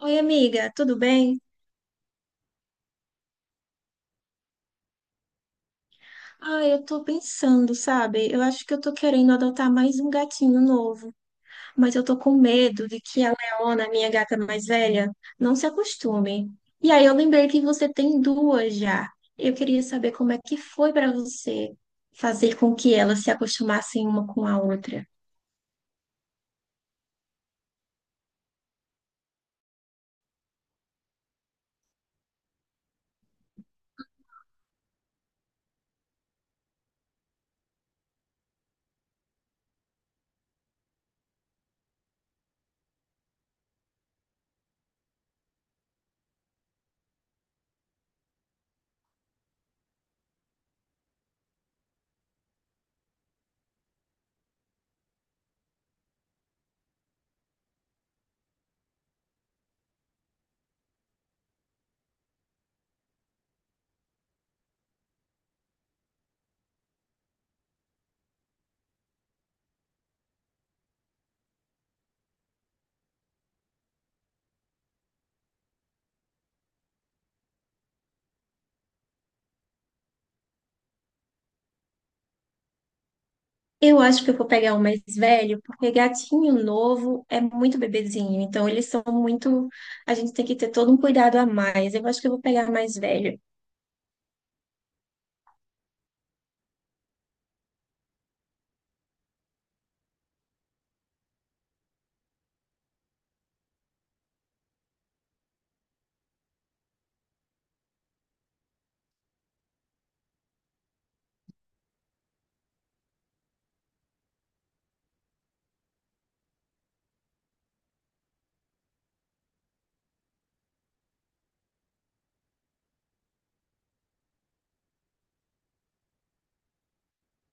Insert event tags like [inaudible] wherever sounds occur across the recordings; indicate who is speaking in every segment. Speaker 1: Oi, amiga, tudo bem? Ah, eu tô pensando, sabe? Eu acho que eu tô querendo adotar mais um gatinho novo, mas eu tô com medo de que a Leona, minha gata mais velha, não se acostume. E aí eu lembrei que você tem duas já. Eu queria saber como é que foi pra você fazer com que elas se acostumassem uma com a outra. Eu acho que eu vou pegar o mais velho, porque gatinho novo é muito bebezinho, então eles são muito. A gente tem que ter todo um cuidado a mais. Eu acho que eu vou pegar mais velho.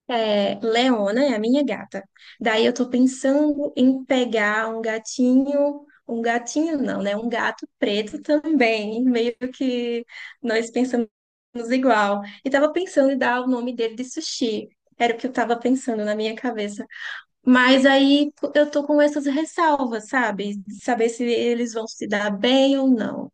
Speaker 1: Leona é a minha gata. Daí eu tô pensando em pegar um gatinho não, né? Um gato preto também, meio que nós pensamos igual. E tava pensando em dar o nome dele de Sushi. Era o que eu tava pensando na minha cabeça. Mas aí eu tô com essas ressalvas, sabe? De saber se eles vão se dar bem ou não.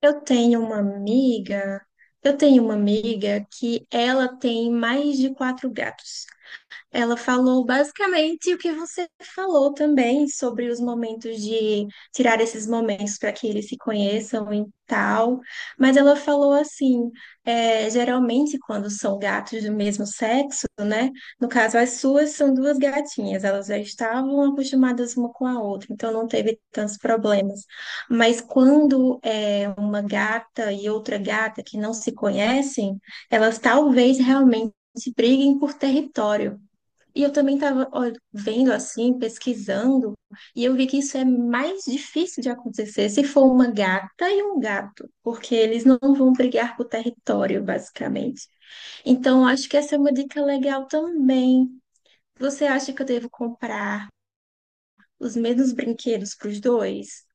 Speaker 1: Eu tenho uma amiga, eu tenho uma amiga que ela tem mais de quatro gatos. Ela falou basicamente o que você falou também sobre os momentos de tirar esses momentos para que eles se conheçam e tal. Mas ela falou assim: geralmente, quando são gatos do mesmo sexo, né? No caso, as suas são duas gatinhas, elas já estavam acostumadas uma com a outra, então não teve tantos problemas. Mas quando é uma gata e outra gata que não se conhecem, elas talvez realmente briguem por território. E eu também estava vendo assim, pesquisando, e eu vi que isso é mais difícil de acontecer se for uma gata e um gato, porque eles não vão brigar por território, basicamente. Então, eu acho que essa é uma dica legal também. Você acha que eu devo comprar os mesmos brinquedos para os dois?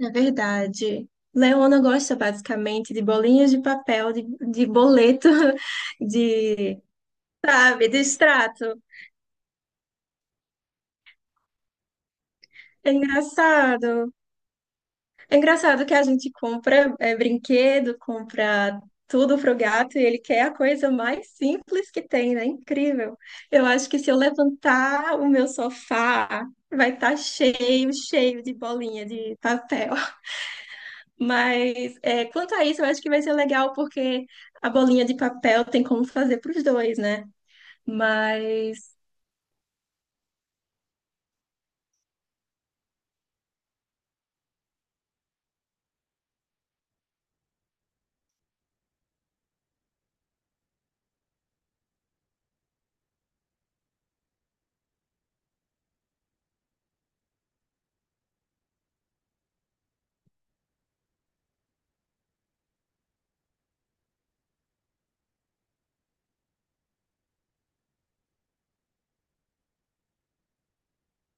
Speaker 1: É verdade. Leona gosta basicamente de bolinhas de papel, de boleto, [laughs] de, sabe, de extrato. É engraçado. É engraçado que a gente compra brinquedo, compra tudo pro gato e ele quer a coisa mais simples que tem, né? Incrível. Eu acho que se eu levantar o meu sofá, vai estar cheio, cheio de bolinha de papel. [laughs] Mas quanto a isso, eu acho que vai ser legal porque a bolinha de papel tem como fazer para os dois, né? Mas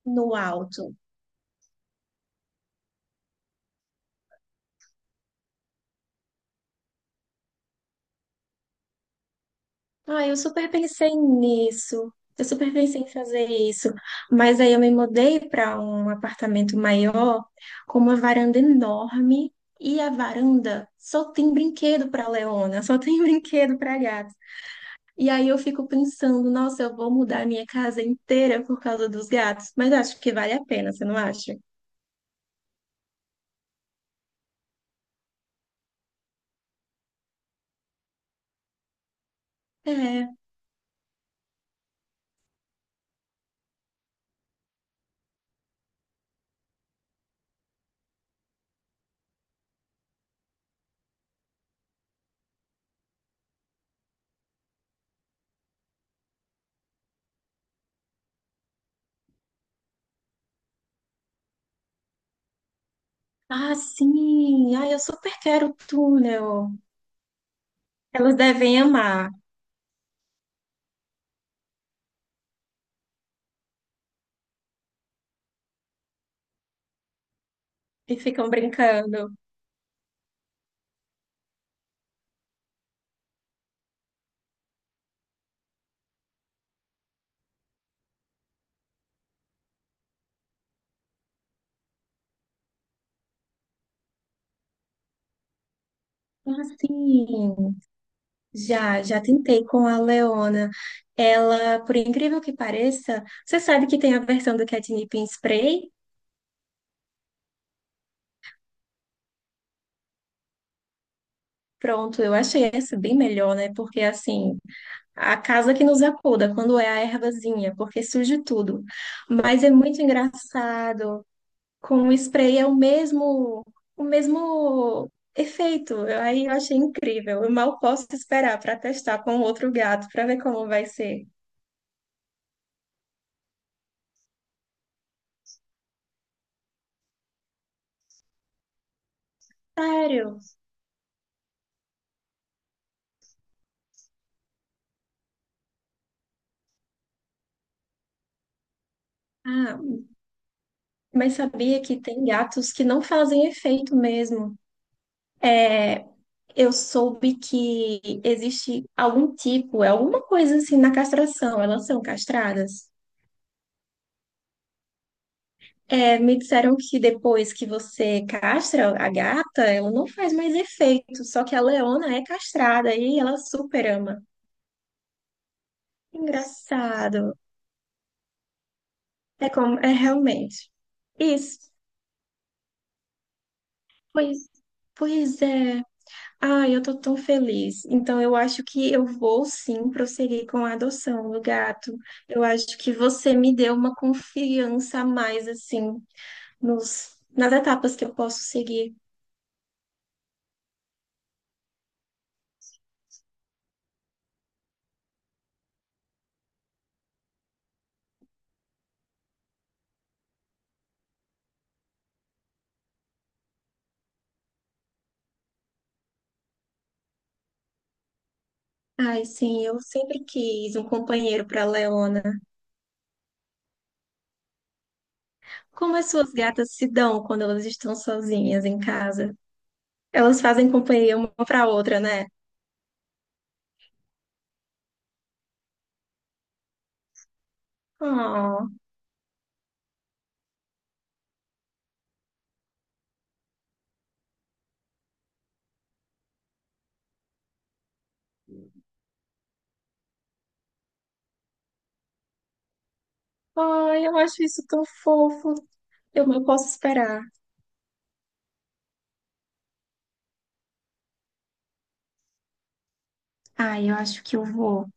Speaker 1: no alto. Ah, eu super pensei nisso. Eu super pensei em fazer isso. Mas aí eu me mudei para um apartamento maior, com uma varanda enorme. E a varanda só tem brinquedo para Leona, só tem [laughs] brinquedo para gato. E aí eu fico pensando, nossa, eu vou mudar a minha casa inteira por causa dos gatos. Mas acho que vale a pena, você não acha? É. Ah, sim. Ah, eu super quero o túnel. Elas devem amar e ficam brincando. Ah, sim. Já, já tentei com a Leona. Ela, por incrível que pareça, você sabe que tem a versão do catnip em spray? Pronto, eu achei essa bem melhor, né? Porque assim, a casa que nos acuda quando é a ervazinha, porque surge tudo. Mas é muito engraçado. Com o spray é o mesmo efeito. Eu Aí eu achei incrível. Eu mal posso esperar para testar com outro gato, para ver como vai ser. Sério? Ah. Mas sabia que tem gatos que não fazem efeito mesmo. Eu soube que existe algum tipo, alguma coisa assim na castração, elas são castradas. É, me disseram que depois que você castra a gata, ela não faz mais efeito, só que a Leona é castrada e ela super ama. Engraçado. É como, é realmente. Isso. Pois, pois é. Ai, eu tô tão feliz. Então, eu acho que eu vou sim prosseguir com a adoção do gato. Eu acho que você me deu uma confiança a mais, assim, nas etapas que eu posso seguir. Ai, sim, eu sempre quis um companheiro para Leona. Como as suas gatas se dão quando elas estão sozinhas em casa? Elas fazem companhia uma para outra, né? Oh, ai, eu acho isso tão fofo. Eu não posso esperar. Ai, eu acho que eu vou.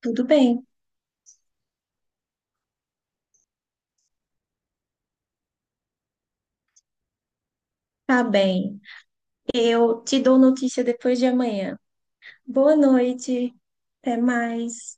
Speaker 1: Tudo bem, tá bem. Eu te dou notícia depois de amanhã. Boa noite, até mais.